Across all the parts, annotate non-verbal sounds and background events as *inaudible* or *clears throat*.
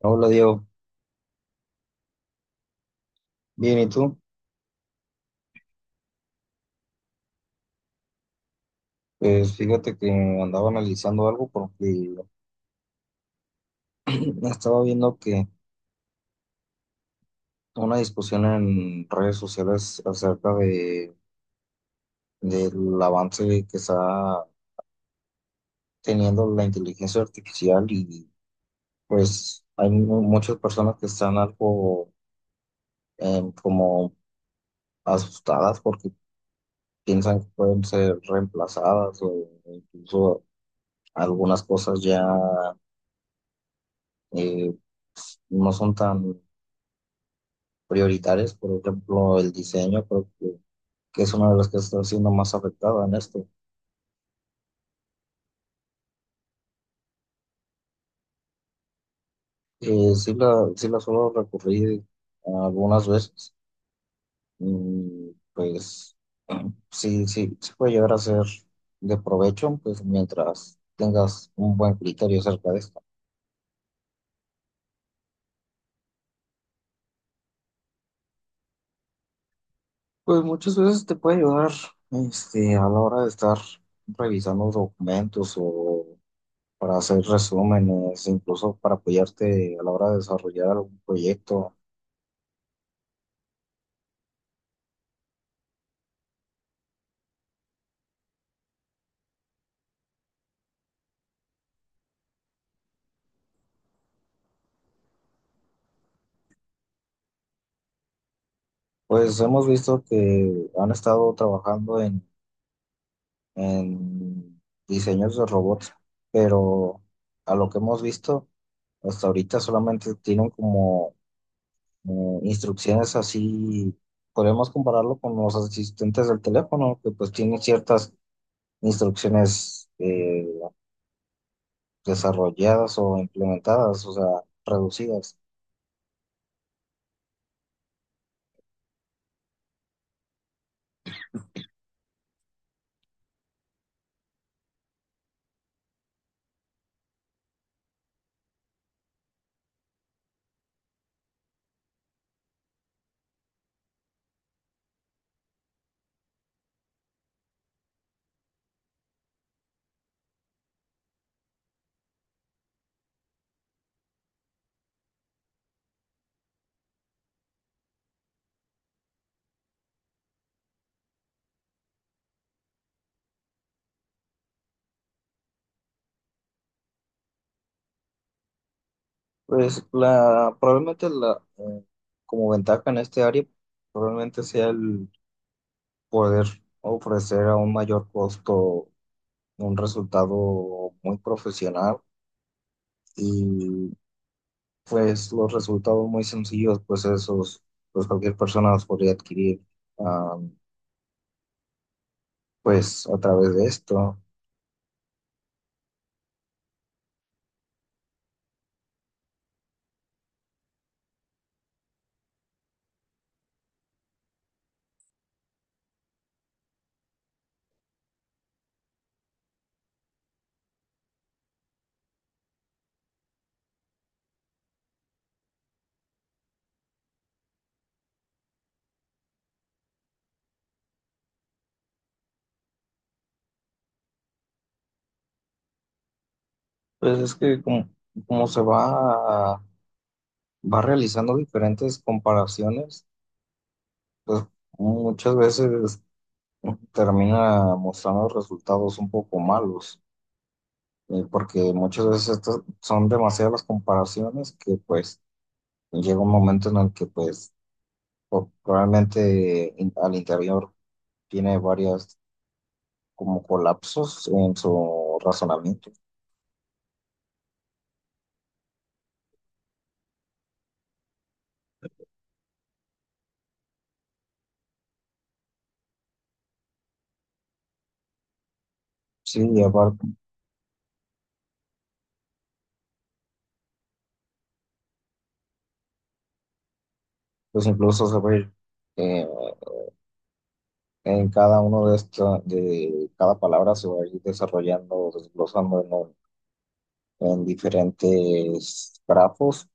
Hola Diego, bien, ¿y tú? Pues fíjate que andaba analizando algo porque *clears throat* estaba viendo que una discusión en redes sociales acerca de, del avance que está teniendo la inteligencia artificial. Y pues hay muchas personas que están algo como asustadas porque piensan que pueden ser reemplazadas, o incluso algunas cosas ya eh, no son tan prioritarias. Por ejemplo, el diseño, creo que es una de las que está siendo más afectada en esto. Sí la suelo recurrir algunas veces, y pues *clears throat* sí puede llegar a ser de provecho, pues mientras tengas un buen criterio acerca de esto. Pues muchas veces te puede ayudar, este, a la hora de estar revisando documentos o para hacer resúmenes, incluso para apoyarte a la hora de desarrollar algún proyecto. Pues hemos visto que han estado trabajando en diseños de robots, pero a lo que hemos visto hasta ahorita solamente tienen como instrucciones así. Podemos compararlo con los asistentes del teléfono, que pues tienen ciertas instrucciones desarrolladas o implementadas, o sea, reducidas. Pues la, probablemente la, eh, Como ventaja en este área, probablemente sea el poder ofrecer a un mayor costo un resultado muy profesional. Y pues los resultados muy sencillos, pues esos, pues cualquier persona los podría adquirir ah, pues a través de esto. Pues es que como se va, va realizando diferentes comparaciones, pues muchas veces termina mostrando resultados un poco malos, porque muchas veces estas son demasiadas las comparaciones, que pues llega un momento en el que pues probablemente al interior tiene varias como colapsos en su razonamiento. Sí, y aparte, pues incluso se va a ir, eh, en cada uno de estos, de cada palabra se va a ir desarrollando, desglosando en diferentes grafos,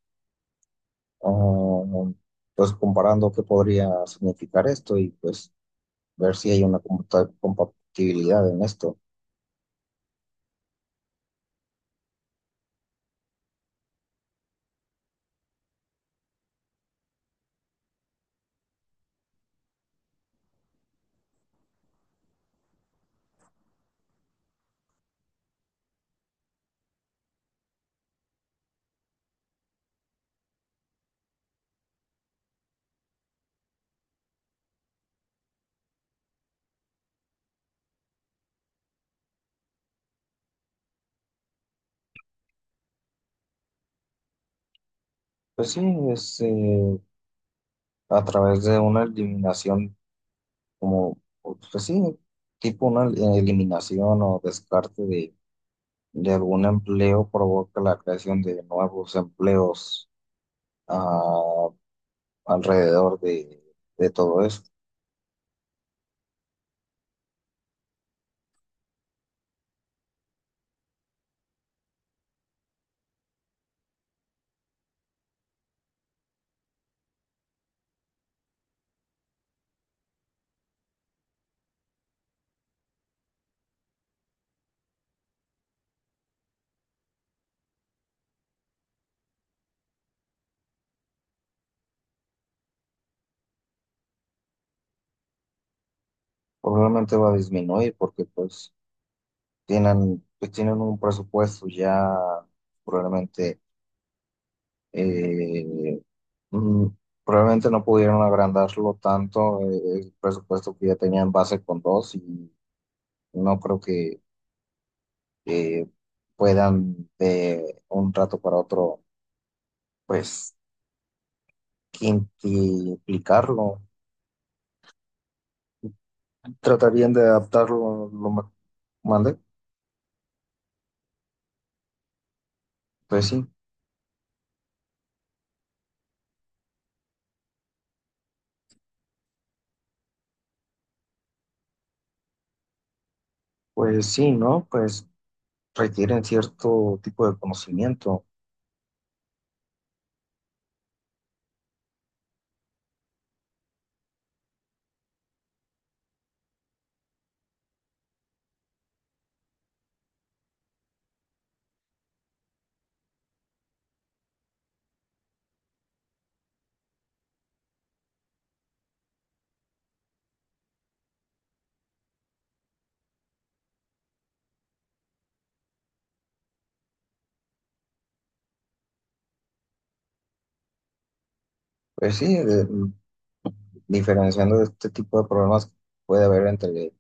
um, pues comparando qué podría significar esto, y pues ver si hay una compatibilidad en esto. Pues sí, es, eh, a través de una eliminación, como, pues sí, tipo una eliminación o descarte de algún empleo, provoca la creación de nuevos empleos ah, alrededor de todo eso. Probablemente va a disminuir, porque pues, tienen un presupuesto ya probablemente, eh, mm, probablemente no pudieron agrandarlo tanto, el presupuesto que ya tenían base con dos, y no creo que que puedan de un rato para otro, pues, quintuplicarlo. Tratarían de adaptarlo lo más. ¿Mande? Pues sí, pues sí, ¿no? Pues requieren cierto tipo de conocimiento. Pues sí, diferenciando este tipo de problemas que puede haber entre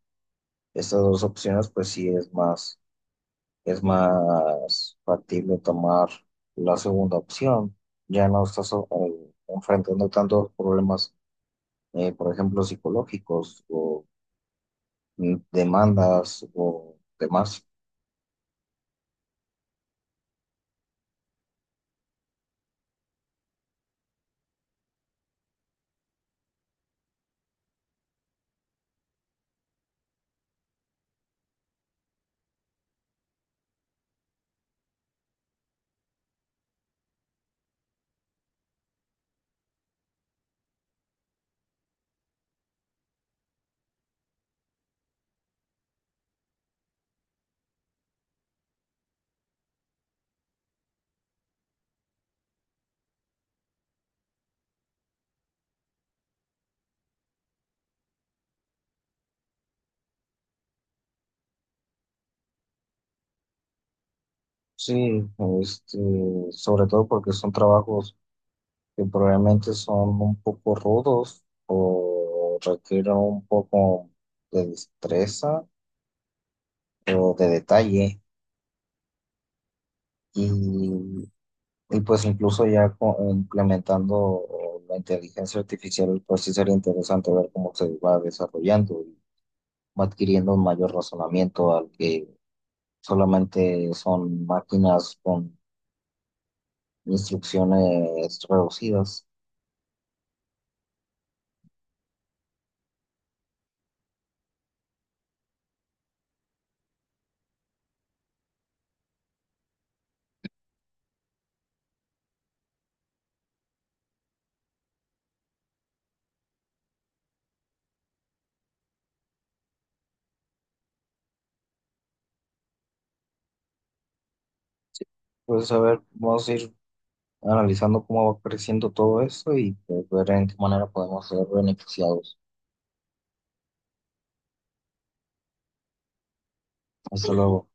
estas dos opciones, pues sí es más factible tomar la segunda opción. Ya no estás enfrentando tantos problemas, por ejemplo, psicológicos o demandas o demás. Sí, este, sobre todo porque son trabajos que probablemente son un poco rudos o requieren un poco de destreza o de detalle, y, y pues incluso ya implementando la inteligencia artificial, pues sí sería interesante ver cómo se va desarrollando y va adquiriendo un mayor razonamiento al que solamente son máquinas con instrucciones reducidas. Pues a ver, vamos a ir analizando cómo va creciendo todo esto, y pues, ver en qué manera podemos ser beneficiados. Hasta luego.